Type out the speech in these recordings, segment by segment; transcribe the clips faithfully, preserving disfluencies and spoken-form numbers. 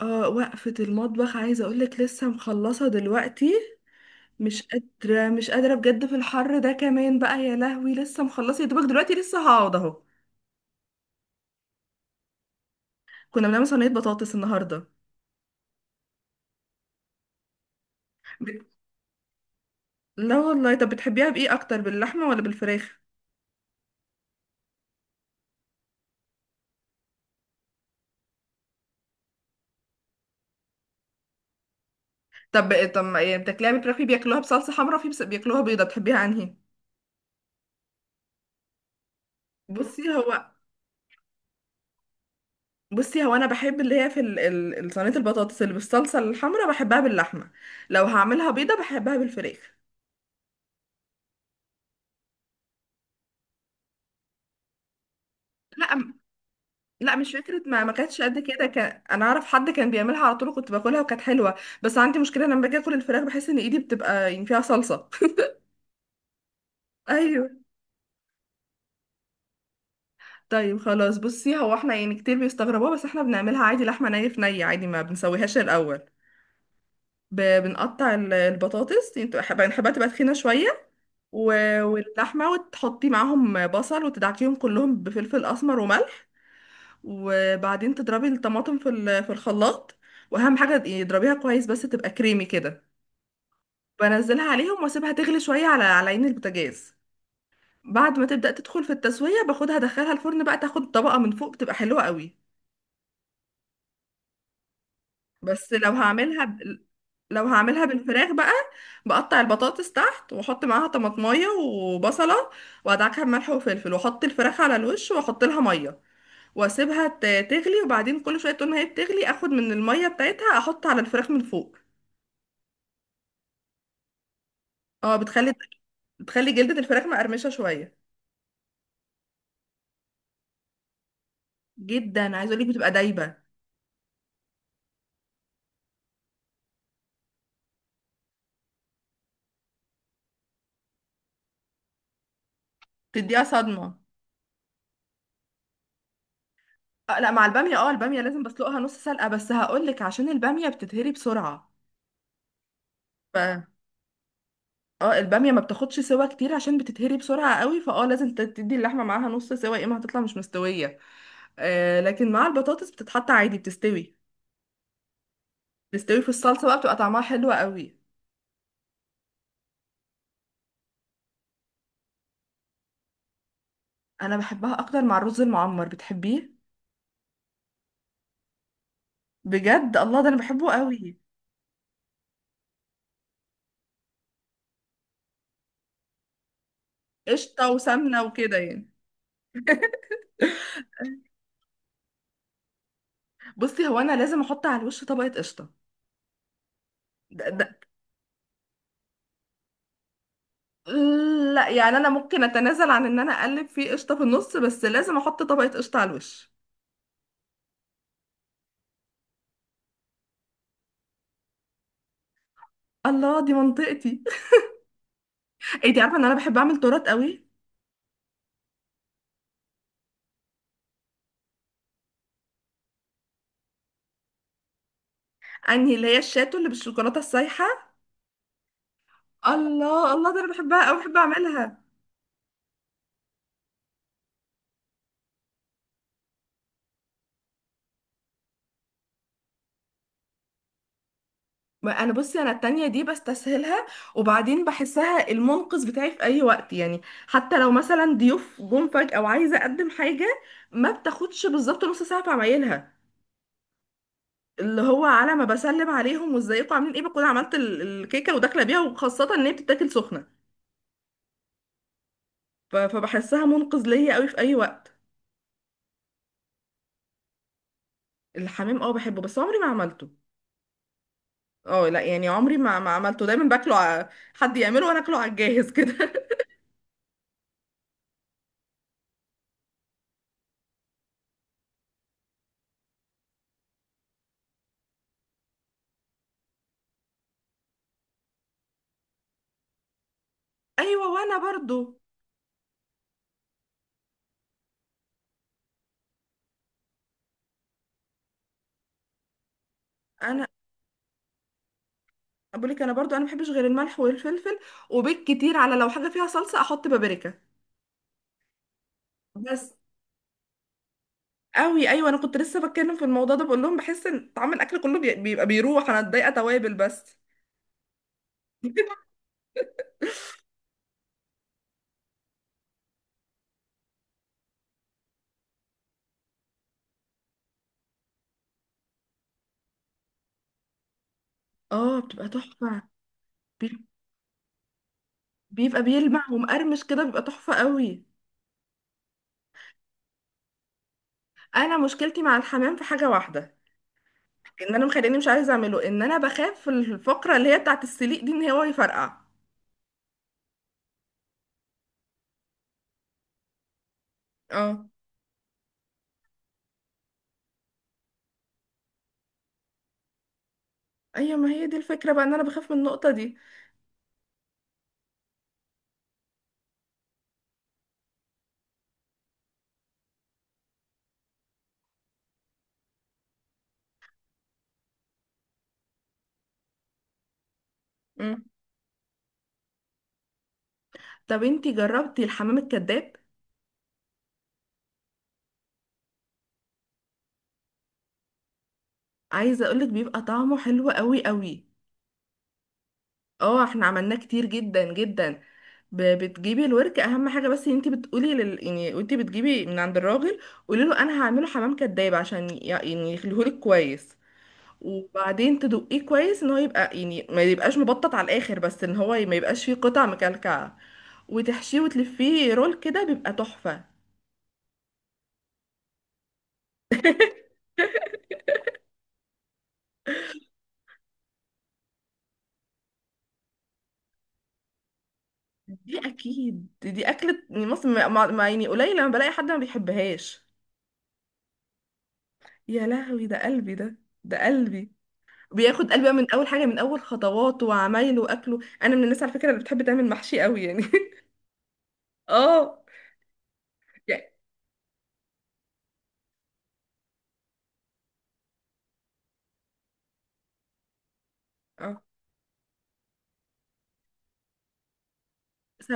اه وقفة المطبخ عايزة اقولك لسه مخلصة دلوقتي. مش قادرة مش قادرة بجد في الحر ده كمان بقى يا لهوي، لسه مخلصة يا دوبك دلوقتي، لسه هقعد اهو. كنا بنعمل صينية بطاطس النهاردة. بت... لا والله، طب بتحبيها بإيه أكتر، باللحمة ولا بالفراخ؟ طب طب ما إيه، بتاكليها بالفراخ في بياكلوها بصلصة حمرا، في بس- بياكلوها بيضة، بتحبيها انهي؟ بصي هو بصي هو انا بحب اللي هي في ال- ال- ال- صينية البطاطس اللي بالصلصة الحمرا، بحبها باللحمة. لو هعملها بيضة بحبها بالفراخ. لا، لا مش فكرة، ما ما كانتش قد كده، كان انا اعرف حد كان بيعملها على طول وكنت باكلها وكانت حلوة. بس عندي مشكلة لما باجي اكل الفراخ بحس ان ايدي بتبقى يعني فيها صلصة. ايوه. طيب خلاص، بصي هو احنا يعني كتير بيستغربوها، بس احنا بنعملها عادي، لحمة ني في ني عادي، ما بنسويهاش الاول. ب... بنقطع ال- البطاطس، يعني بتبقى- بنحبها تبقى تخينة شوية، و... واللحمة، وتحطي معاهم بصل وتدعكيهم كلهم بفلفل اسمر وملح. وبعدين تضربي الطماطم في ال... في الخلاط. واهم حاجة اضربيها كويس بس تبقى كريمي كده. بنزلها عليهم واسيبها تغلي شويه على على عين البوتاجاز. بعد ما تبدا تدخل في التسويه باخدها ادخلها الفرن بقى، تاخد طبقه من فوق بتبقى حلوه قوي. بس لو هعملها ب... لو هعملها بالفراخ بقى، بقطع البطاطس تحت واحط معاها طماطمايه وبصله، وادعكها بملح وفلفل، واحط الفراخ على الوش واحط لها ميه، واسيبها ت- تغلي، وبعدين كل شويه طول ما هي بتغلي اخد من الميه بتاعتها احط على الفراخ من فوق. اه بتخلي، بتخلي جلدة الفراخ مقرمشه شويه. جدا، عايزه اقول لك بتبقى دايبه، تديها صدمه. آه، لا مع البامية، اه البامية لازم بسلقها نص سلقة، بس هقولك عشان البامية بتتهري بسرعة. ف اه البامية ما بتاخدش سوا كتير عشان بتتهري بسرعة قوي، فاه لازم ت- تدي اللحمة معاها نص سوا، يا اما هتطلع مش مستوية. آه لكن مع البطاطس بتتحط عادي، بتستوي، بتستوي في الصلصة بقى، بتبقى طعمها حلو قوي. انا بحبها اكتر مع الرز المعمر، بتحبيه؟ بجد الله، ده انا بحبه قوي. قشطة وسمنة وكده يعني. بصي هو انا لازم احط على الوش طبقة قشطة. ده, ده لا يعني انا ممكن اتنازل عن ان انا اقلب فيه قشطه في النص، بس لازم احط طبقه قشطه على الوش. الله، دي منطقتي. ايه دي، عارفه ان انا بحب اعمل تورت قوي. انهي، اللي هي الشاتو اللي بالشوكولاته السايحه؟ الله الله، ده انا بحبها قوي، بحب اعملها. ما انا بصي انا التانية دي بستسهلها، وبعدين بحسها المنقذ بتاعي في اي وقت يعني. حتى لو مثلا ضيوف جم فجأة وعايزه اقدم حاجه، ما بتاخدش بالظبط نص ساعه في عمايلها. اللي هو على ما بسلم عليهم وازيكم عاملين ايه بكون عملت ال- الكيكه وداخله بيها، وخاصه ان هي بتتاكل سخنه. ف- فبحسها منقذ ليا قوي في اي وقت. الحمام اه بحبه، بس عمري ما عملته. اه لا يعني عمري ما ما عملته، دايما باكله ع- حد يعمله وانا اكله على الجاهز كده. ايوه وانا برضو. انا بقول لك، انا برضو انا ما بحبش غير الملح والفلفل، وبالكتير على لو حاجه فيها صلصه احط بابريكا. بس قوي، ايوه انا كنت لسه بتكلم في الموضوع ده، بقول لهم بحس ان طعم الاكل كله بي- بيبقى بيروح، انا اتضايقه توابل بس. اه بتبقى تحفة. بي- بيبقى بيلمع ومقرمش كده، بيبقى تحفة قوي. انا مشكلتي مع الحمام في حاجة واحدة، ان انا مخليني مش عايزة اعمله ان انا بخاف في الفقرة اللي هي بتاعت السليق دي ان هو يفرقع. اه. ايوه ما هي دي الفكرة بقى، ان انا بخاف من النقطة دي. مم. طب انتي جربتي الحمام الكذاب؟ عايزة اقولك بيبقى طعمه حلو قوي قوي. اه احنا عملناه كتير جدا جدا. ب- بتجيبي الورك اهم حاجه، بس انت بتقولي لل... يعني وانت بتجيبي من عند الراجل قولي له انا هعمله حمام كداب عشان ي- يعني يخليهولك كويس. وبعدين تدقيه كويس ان هو يبقى يعني ما يبقاش مبطط على الاخر، بس ان هو ما يبقاش فيه قطع مكلكعه. وتحشيه وتلفيه رول كده، بيبقى تحفه. دي اكيد، دي اكله يعني مصر، ما ما- يعني قليل لما بلاقي حد ما بيحبهاش. يا لهوي ده قلبي ده، ده قلبي. بياخد قلبه من اول حاجه، من اول خطواته وعمايله واكله، انا من الناس على فكره اللي بتحب تعمل محشي قوي يعني. اه. يعني. اه. سو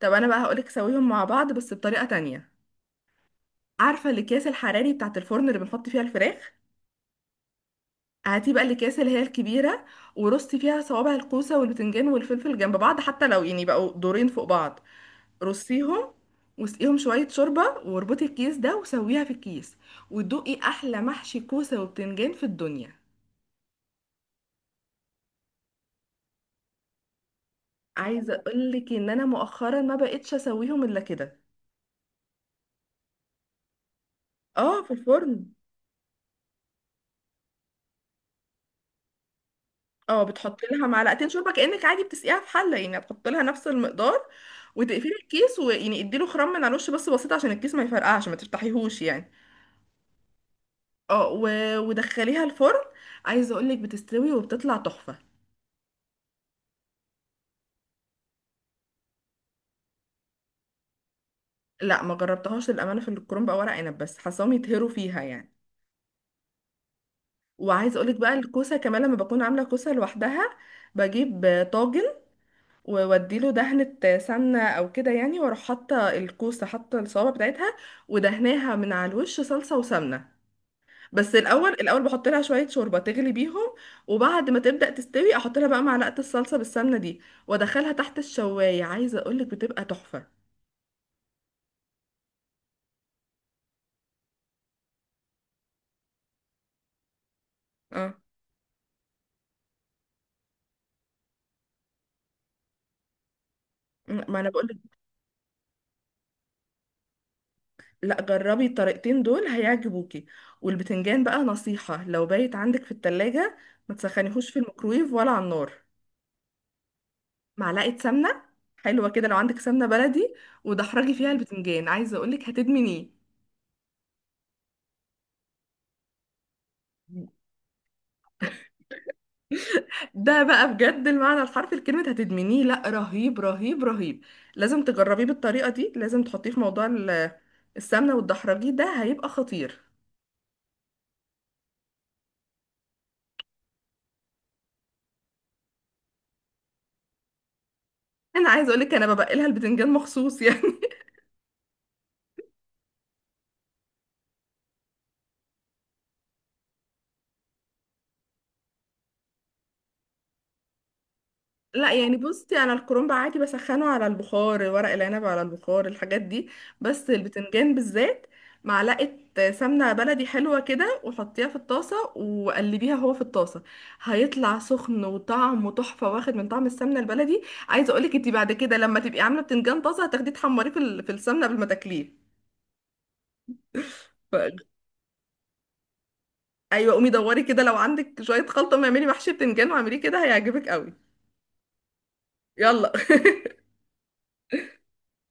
طب انا بقى هقولك سويهم مع بعض بس بطريقه تانية. عارفه الاكياس الحراري بتاعه الفرن اللي بنحط فيها الفراخ؟ هاتي بقى الاكياس اللي هي الكبيره، ورصي فيها صوابع الكوسه والبتنجان والفلفل جنب بعض، حتى لو يعني بقوا دورين فوق بعض رصيهم، واسقيهم شويه شوربه واربطي الكيس ده وسويها في الكيس، وتدوقي احلى محشي كوسه وبتنجان في الدنيا. عايزه اقول لك ان انا مؤخرا ما بقتش اسويهم الا كده. اه في الفرن. اه بتحط لها معلقتين شوربه كانك عادي بتسقيها في حله، يعني هتحط لها نفس المقدار. وتقفلي الكيس، ويعني اديله خرم من على الوش بس بسيط عشان الكيس ما يفرقعش، ما تفتحيهوش يعني. اه و... ودخليها الفرن، عايزه اقول لك بتستوي وبتطلع تحفه. لا ما جربتهاش للامانه في الكرنب او ورق عنب، بس حاساهم يتهروا فيها يعني. وعايزه اقول لك بقى الكوسه كمان لما بكون عامله كوسه لوحدها، بجيب طاجن ووديله دهنة سمنة أو كده يعني، وأروح حاطة الكوسة، حاطة الصوابع بتاعتها ودهناها من على الوش صلصة وسمنة. بس الأول الأول بحط لها شوية شوربة تغلي بيهم، وبعد ما تبدأ تستوي أحط لها بقى معلقة الصلصة بالسمنة دي، وأدخلها تحت الشواية، عايزة أقولك بتبقى تحفة. اه ما أنا بقولك، لا جربي الطريقتين دول هيعجبوكي. والبتنجان بقى نصيحة، لو بايت عندك في التلاجة ما تسخنيهوش في الميكرويف ولا على النار. معلقة سمنة حلوة كده لو عندك سمنة بلدي، ودحرجي فيها البتنجان، عايزة اقولك هتدمنيه. ده بقى بجد المعنى الحرفي لكلمة هتدمنيه، لا رهيب رهيب رهيب. لازم تجربيه بالطريقة دي، لازم تحطيه في موضوع ال- السمنة والدحرجي ده، هيبقى خطير. انا عايزة اقولك انا ببقلها البتنجان مخصوص يعني. لا يعني بصي انا الكرنب عادي بسخنه على البخار، ورق العنب على البخار، الحاجات دي، بس البتنجان بالذات معلقه سمنه بلدي حلوه كده وحطيها في الطاسه وقلبيها هو في الطاسه، هيطلع سخن وطعمه تحفه واخد من طعم السمنه البلدي. عايزه اقولك انت بعد كده لما تبقي عامله بتنجان طازه هتاخديه تحمريه في ال- في السمنه قبل ما تاكليه. ف... ايوه قومي دوري كده، لو عندك شويه خلطه ما اعملي محشي بتنجان واعمليه كده، هيعجبك قوي. يلا.